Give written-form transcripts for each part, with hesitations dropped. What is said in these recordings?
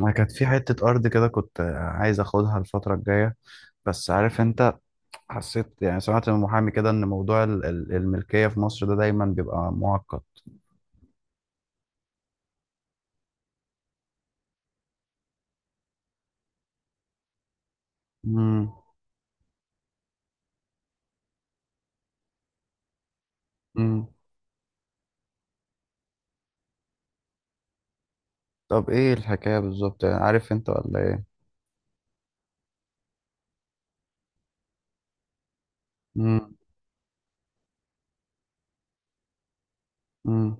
انا كانت في حتة ارض كده كنت عايز اخدها الفترة الجاية بس عارف انت. حسيت يعني سمعت من محامي كده ان موضوع الملكية في مصر ده دايما بيبقى معقد. امم. امم. طب ايه الحكاية بالظبط يعني عارف انت ولا ايه؟ امم. امم.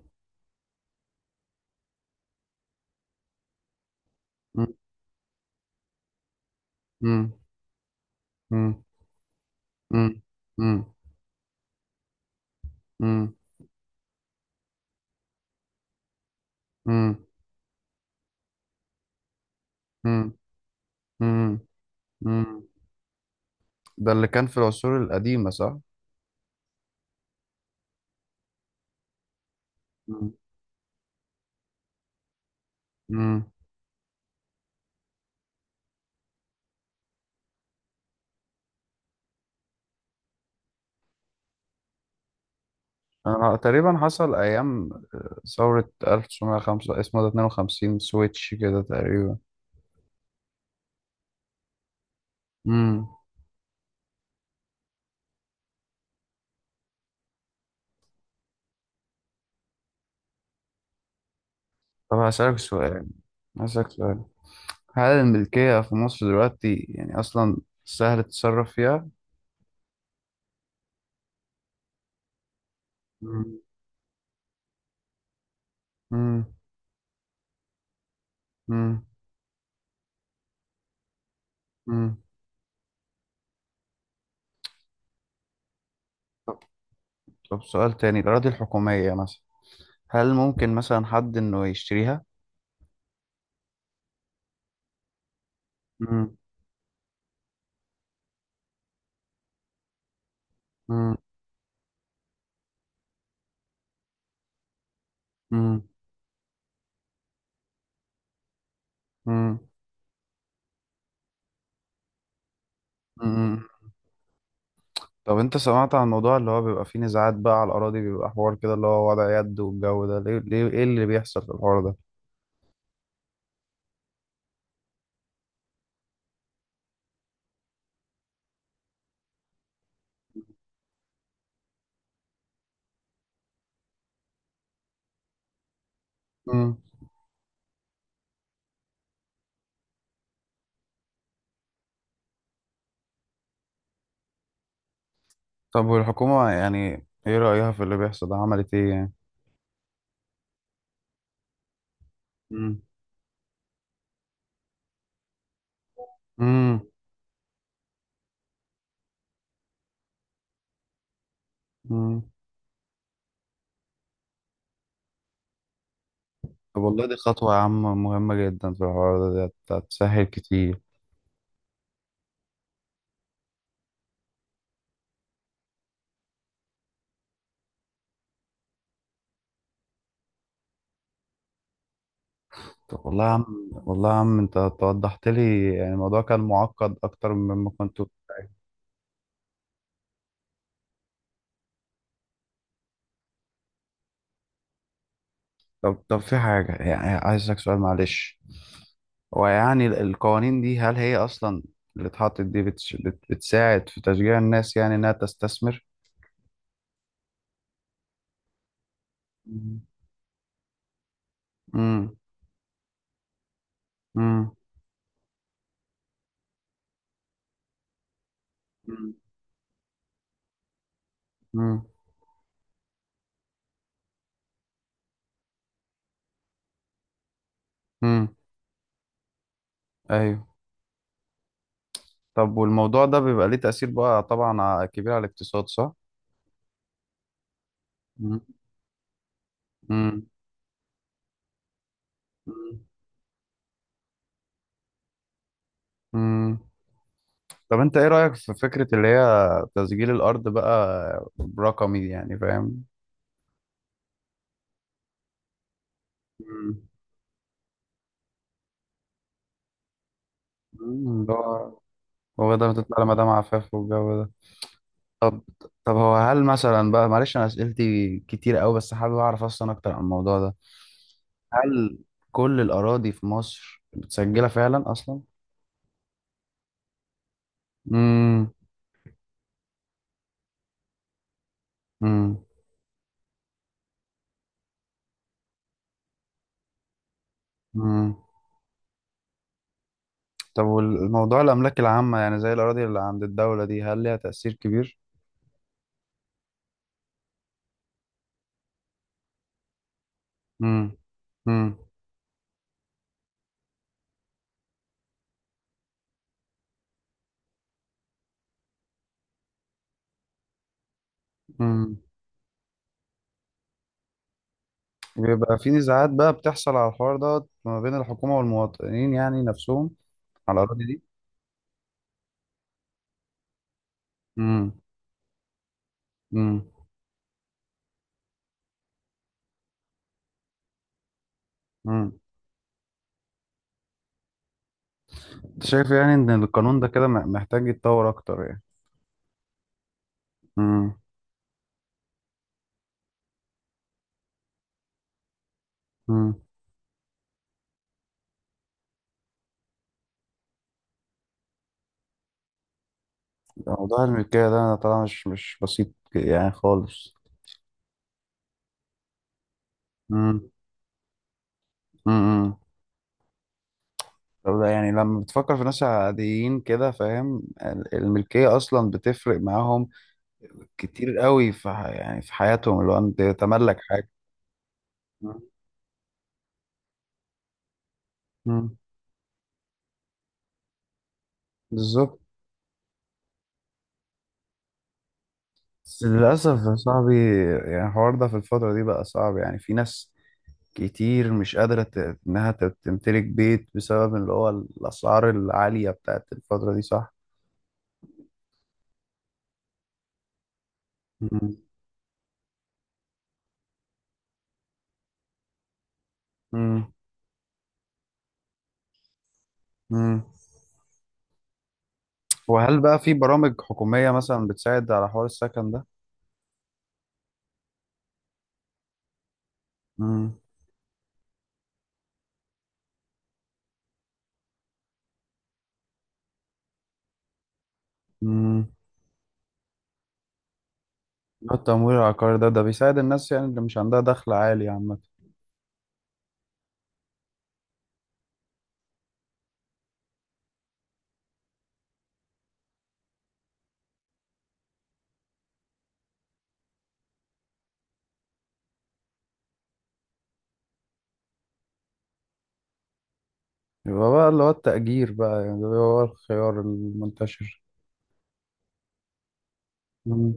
امم. امم. امم. امم. امم. امم. امم. امم. ده اللي كان في العصور القديمة صح؟ امم. انا تقريبا حصل ايام ثورة 1905، اسمه ده 52 سويتش كده تقريبا. امم. طب هسألك سؤال. هسألك سؤال هل الملكية في مصر دلوقتي يعني اصلا سهل تتصرف فيها؟ امم. امم. امم. أمم. طب. سؤال تاني، الاراضي الحكومية مثلا، هل ممكن مثلا حد انه يشتريها؟ امم. امم. امم. طب انت سمعت عن الموضوع اللي هو بيبقى فيه نزاعات بقى على الأراضي، بيبقى حوار كده اللي هو وضع يد والجو ده، ليه, ايه اللي بيحصل في الحوار ده؟ مم. طب والحكومة يعني ايه رأيها في اللي بيحصل ده، عملت ايه يعني؟ مم. مم. مم. طب والله دي خطوة يا عم مهمة جدا في الحوار ده، دي هتسهل كتير. طب والله يا عم انت توضحت لي يعني الموضوع، كان معقد اكتر مما كنت. طب. في حاجة يعني عايزك، سؤال معلش، ويعني القوانين دي، هل هي أصلا اللي اتحطت دي بتساعد في تشجيع الناس يعني إنها تستثمر؟ مم. امم. امم. امم. امم. ايوه. طب والموضوع ده بيبقى ليه تأثير بقى طبعا كبير على الاقتصاد صح؟ مم. امم. امم. طب انت ايه رأيك في فكرة اللي هي تسجيل الأرض بقى برقمي يعني فاهم؟ مم. مم. اللي هو هو ده بتطلع لمدام عفاف والجو ده. طب. هو هل مثلا بقى، معلش انا اسئلتي كتير قوي بس حابب اعرف اصلا اكتر عن الموضوع ده، هل كل الاراضي في مصر متسجله فعلا اصلا؟ امم. امم. امم. طب والموضوع الاملاك العامه يعني زي الاراضي اللي عند الدوله دي، هل ليها تاثير كبير؟ امم. امم. امم. بيبقى في نزاعات بقى بتحصل على الحوار ده ما بين الحكومه والمواطنين يعني نفسهم على الاراضي دي؟ امم. امم. امم. شايف يعني ان القانون ده كده محتاج يتطور اكتر يعني؟ امم. امم. موضوع الملكية ده، أنا طبعا مش بسيط يعني خالص. امم. امم. طب ده يعني لما بتفكر في ناس عاديين كده فاهم، الملكية أصلا بتفرق معاهم كتير قوي في يعني في حياتهم، اللي هو أنت تملك حاجة. مم. مم. بالظبط. بس للأسف يا صاحبي، يعني الحوار ده في الفترة دي بقى صعب، يعني في ناس كتير مش قادرة إنها تمتلك بيت بسبب اللي هو الأسعار العالية بتاعت الفترة دي صح؟ مم. مم. مم. وهل بقى في برامج حكومية مثلا بتساعد على حوار السكن ده؟ مم. مم. اللي هو التمويل العقاري ده بيساعد الناس يعني اللي مش عندها دخل عالي عامة. يبقى بقى اللي هو التأجير بقى، يعني ده هو الخيار المنتشر. مم.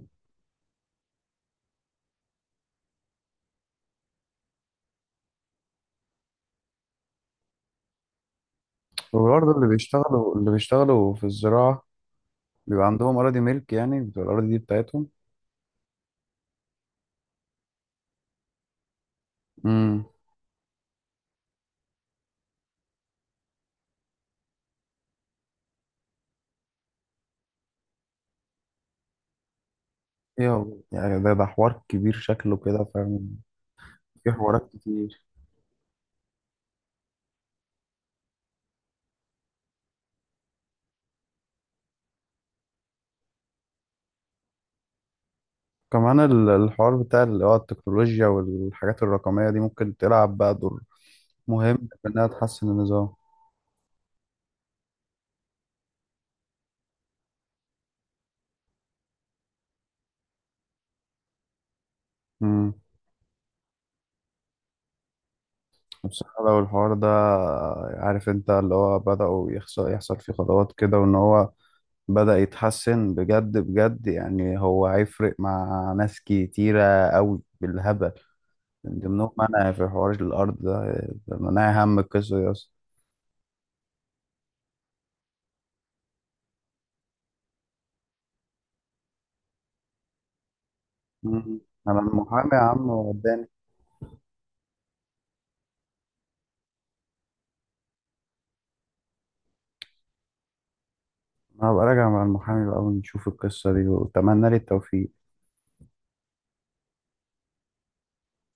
وبرضه اللي بيشتغلوا في الزراعة بيبقى عندهم أراضي ملك، يعني بتبقى الأراضي دي بتاعتهم. مم. يعني ده حوار كبير شكله كده فاهم، في حوارات كتير. كمان الحوار بتاع اللي هو التكنولوجيا والحاجات الرقمية دي ممكن تلعب بقى دور مهم إنها تحسن النظام. امم. بصراحة لو الحوار ده، عارف أنت اللي هو بدأوا يحصل، فيه خطوات كده وإن هو بدأ يتحسن بجد بجد، يعني هو هيفرق مع ناس كتيرة أوي بالهبل، من ضمنهم أنا في حوار الأرض ده لما أنا هم القصة دي أصلا. مم. أنا المحامي يا عم وداني، أنا هبقى راجع مع المحامي بقى ونشوف القصة دي، وأتمنى لي التوفيق.